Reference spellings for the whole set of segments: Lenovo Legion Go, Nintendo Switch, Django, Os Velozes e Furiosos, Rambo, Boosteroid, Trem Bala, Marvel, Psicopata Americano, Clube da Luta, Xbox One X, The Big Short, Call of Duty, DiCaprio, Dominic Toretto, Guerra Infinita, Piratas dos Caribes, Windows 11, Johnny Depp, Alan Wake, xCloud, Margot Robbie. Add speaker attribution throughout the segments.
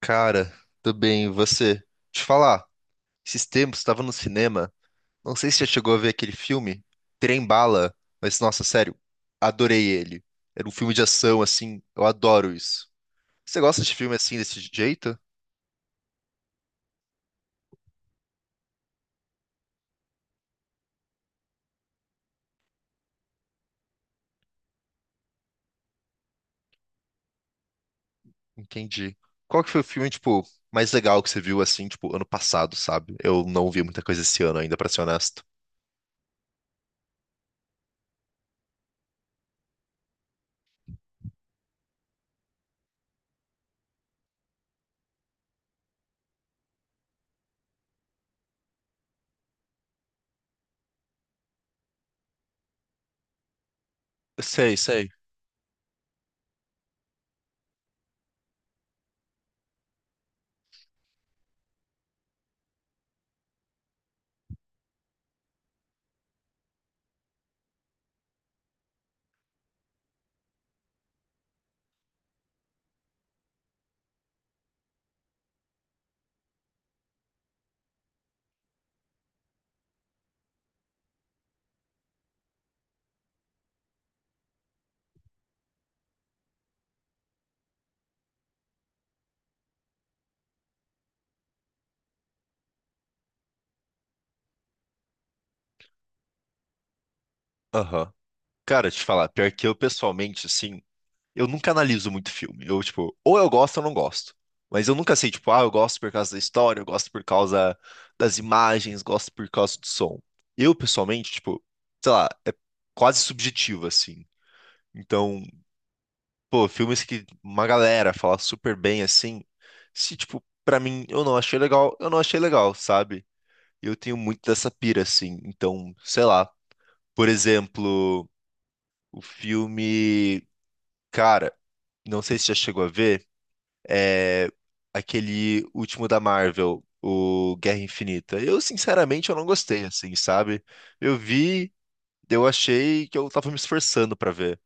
Speaker 1: Cara, tudo bem, e você? Deixa eu te falar, esses tempos estava no cinema, não sei se já chegou a ver aquele filme, Trem Bala, mas nossa, sério, adorei ele. Era um filme de ação, assim, eu adoro isso. Você gosta de filme assim, desse jeito? Entendi. Qual que foi o filme, tipo, mais legal que você viu, assim, tipo, ano passado, sabe? Eu não vi muita coisa esse ano ainda, pra ser honesto. Sei, sei. Aham. Cara, te falar, pior que eu pessoalmente, assim. Eu nunca analiso muito filme. Eu, tipo, ou eu gosto ou não gosto. Mas eu nunca sei, tipo, ah, eu gosto por causa da história, eu gosto por causa das imagens, gosto por causa do som. Eu, pessoalmente, tipo, sei lá, é quase subjetivo, assim. Então, pô, filmes que uma galera fala super bem, assim, se, tipo, pra mim, eu não achei legal, eu não achei legal, sabe? Eu tenho muito dessa pira, assim. Então, sei lá, por exemplo, o filme, cara, não sei se já chegou a ver. É, aquele último da Marvel, o Guerra Infinita. Eu, sinceramente, eu não gostei, assim, sabe? Eu vi, eu achei que eu tava me esforçando pra ver.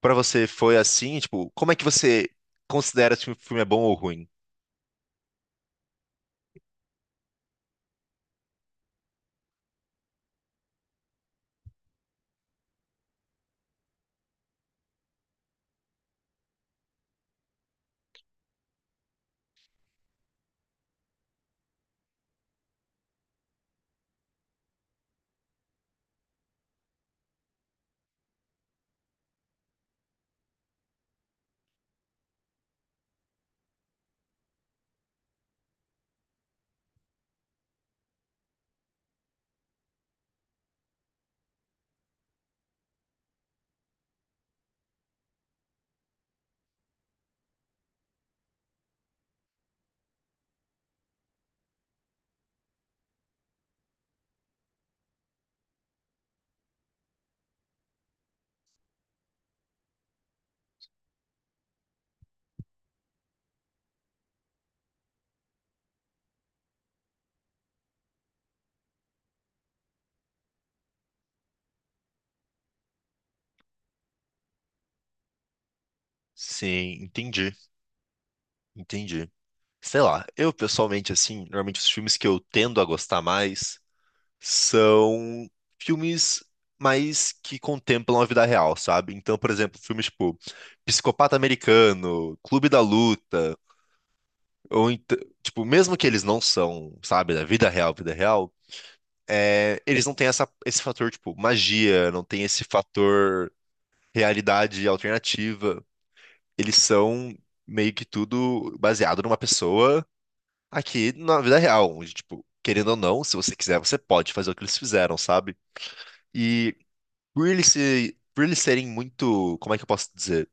Speaker 1: Pra você foi assim, tipo, como é que você considera se o filme é bom ou ruim? Sim, entendi, entendi. Sei lá, eu pessoalmente, assim, normalmente os filmes que eu tendo a gostar mais são filmes mais que contemplam a vida real, sabe? Então, por exemplo, filmes tipo Psicopata Americano, Clube da Luta, ou ent- tipo, mesmo que eles não são, sabe, da vida real, é, eles não têm essa, esse fator, tipo, magia, não tem esse fator realidade alternativa. Eles são meio que tudo baseado numa pessoa aqui na vida real, onde, tipo, querendo ou não, se você quiser, você pode fazer o que eles fizeram, sabe? E por eles, por eles serem muito, como é que eu posso dizer?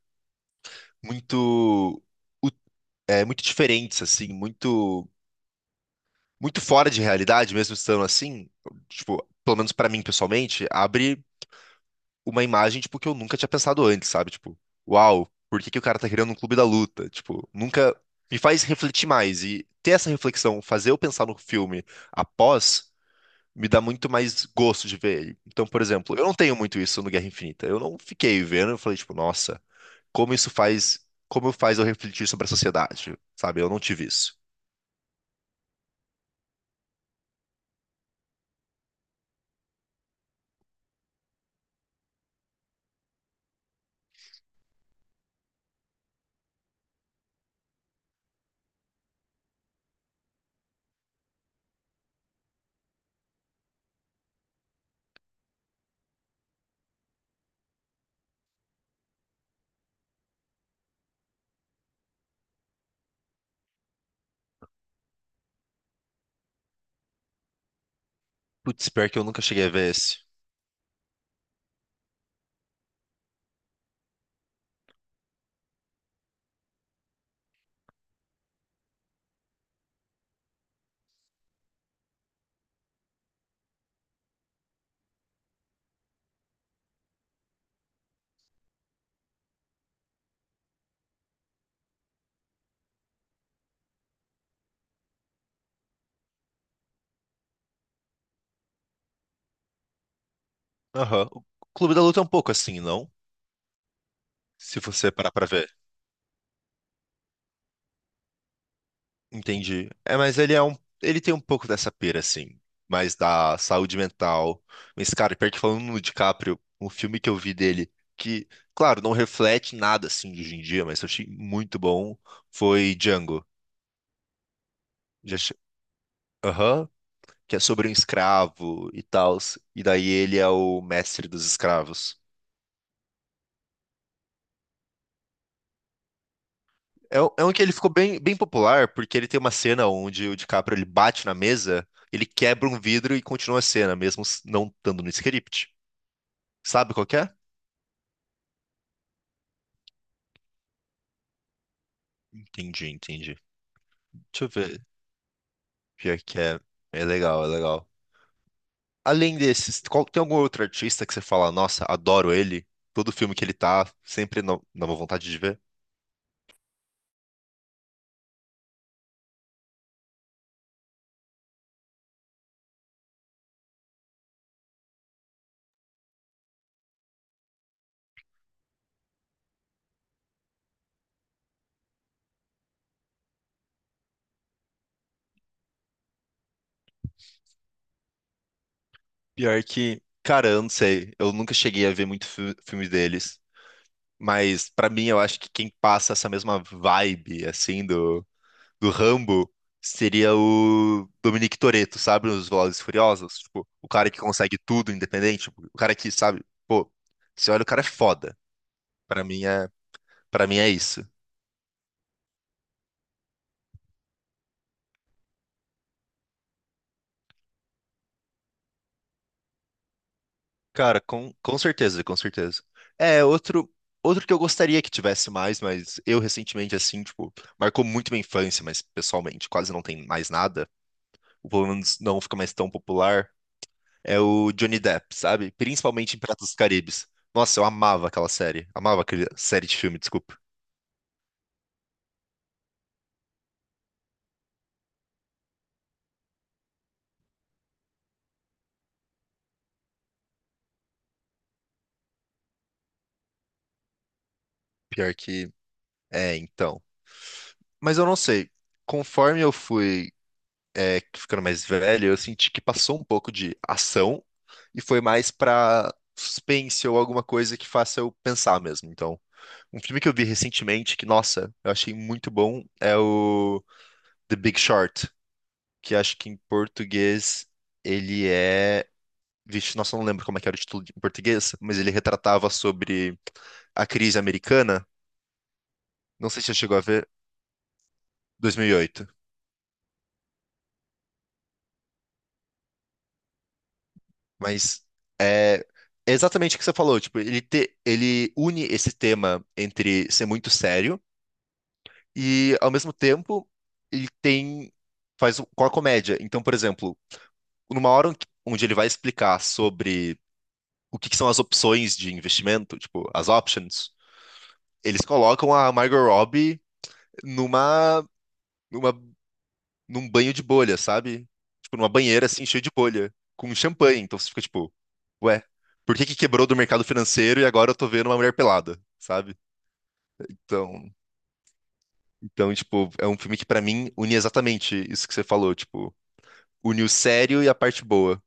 Speaker 1: Muito, u- muito diferentes, assim, muito, muito fora de realidade, mesmo estando assim, tipo, pelo menos pra mim pessoalmente, abre uma imagem, tipo, que eu nunca tinha pensado antes, sabe? Tipo, uau, por que que o cara tá criando um clube da luta? Tipo, nunca me faz refletir mais e ter essa reflexão, fazer eu pensar no filme após me dá muito mais gosto de ver ele. Então, por exemplo, eu não tenho muito isso no Guerra Infinita. Eu não fiquei vendo, eu falei tipo, nossa, como isso faz, como faz eu refletir sobre a sociedade, sabe? Eu não tive isso. Putz, pior que eu nunca cheguei a ver esse. Aham. O Clube da Luta é um pouco assim, não? Se você parar pra ver. Entendi. É, mas ele tem um pouco dessa pira, assim, mais da saúde mental. Mas, cara, pior que falando no DiCaprio, um filme que eu vi dele, que, claro, não reflete nada, assim, de hoje em dia, mas eu achei muito bom, foi Django. Já, che- Aham, que é sobre um escravo e tal. E daí ele é o mestre dos escravos. É um que ele ficou bem, bem popular, porque ele tem uma cena onde o DiCaprio ele bate na mesa, ele quebra um vidro e continua a cena, mesmo não estando no script. Sabe qual que é? Entendi, entendi. Deixa eu ver. Pior que é. É legal, é legal. Além desses, tem algum outro artista que você fala, nossa, adoro ele? Todo filme que ele tá, sempre dá uma vontade de ver. Pior que, cara, eu não sei. Eu nunca cheguei a ver muito filme deles. Mas pra mim, eu acho que quem passa essa mesma vibe, assim, do, Rambo seria o Dominic Toretto, sabe? Os Velozes e Furiosos. Tipo, o cara que consegue tudo independente, tipo, o cara que, sabe? Pô, você olha, o cara é foda. Pra mim é, pra mim é isso. Cara, com certeza, com certeza. É, outro que eu gostaria que tivesse mais, mas eu recentemente, assim, tipo, marcou muito minha infância, mas pessoalmente quase não tem mais nada. Ou pelo menos não fica mais tão popular. É o Johnny Depp, sabe? Principalmente em Piratas dos Caribes. Nossa, eu amava aquela série. Amava aquela série de filme, desculpa. Pior que. É, então. Mas eu não sei. Conforme eu fui ficando mais velho, eu senti que passou um pouco de ação e foi mais pra suspense ou alguma coisa que faça eu pensar mesmo. Então, um filme que eu vi recentemente que, nossa, eu achei muito bom é o The Big Short, que acho que em português ele é. Vixe, nossa, eu não lembro como é que era o título em português, mas ele retratava sobre a crise americana. Não sei se você chegou a ver, 2008, mas é, é exatamente o que você falou. Tipo, ele, ele une esse tema entre ser muito sério e, ao mesmo tempo, ele tem com a comédia. Então, por exemplo, numa hora onde ele vai explicar sobre o que que são as opções de investimento, tipo, as options, eles colocam a Margot Robbie numa numa num banho de bolha, sabe? Tipo, numa banheira assim, cheia de bolha, com champanhe. Então você fica tipo, ué, por que que quebrou do mercado financeiro e agora eu tô vendo uma mulher pelada, sabe? Então, então, tipo, é um filme que pra mim une exatamente isso que você falou, tipo, une o sério e a parte boa.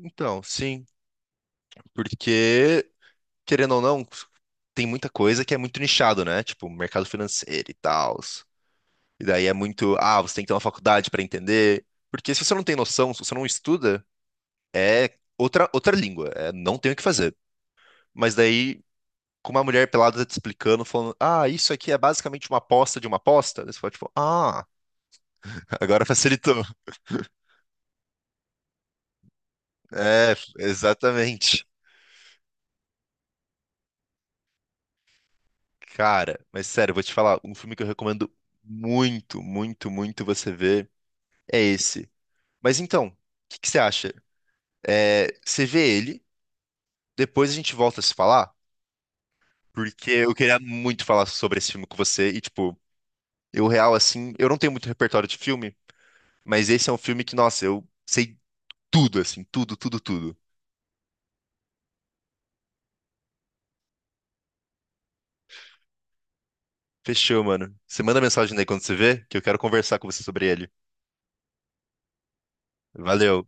Speaker 1: Então, sim, porque querendo ou não, tem muita coisa que é muito nichado, né? Tipo, mercado financeiro e tal. E daí é muito, você tem que ter uma faculdade pra entender. Porque se você não tem noção, se você não estuda, é outra língua, não tem o que fazer. Mas daí, com uma mulher pelada tá te explicando, falando, ah, isso aqui é basicamente uma aposta de uma aposta, daí você fala, tipo, ah, agora facilitou. É, exatamente. Cara, mas sério, eu vou te falar, um filme que eu recomendo muito, muito, muito você ver é esse. Mas então, o que que você acha? É, você vê ele, depois a gente volta a se falar, porque eu queria muito falar sobre esse filme com você e, tipo, eu real, assim, eu não tenho muito repertório de filme, mas esse é um filme que, nossa, eu sei tudo, assim, tudo, tudo, tudo. Fechou, mano. Você manda mensagem aí quando você vê, que eu quero conversar com você sobre ele. Valeu.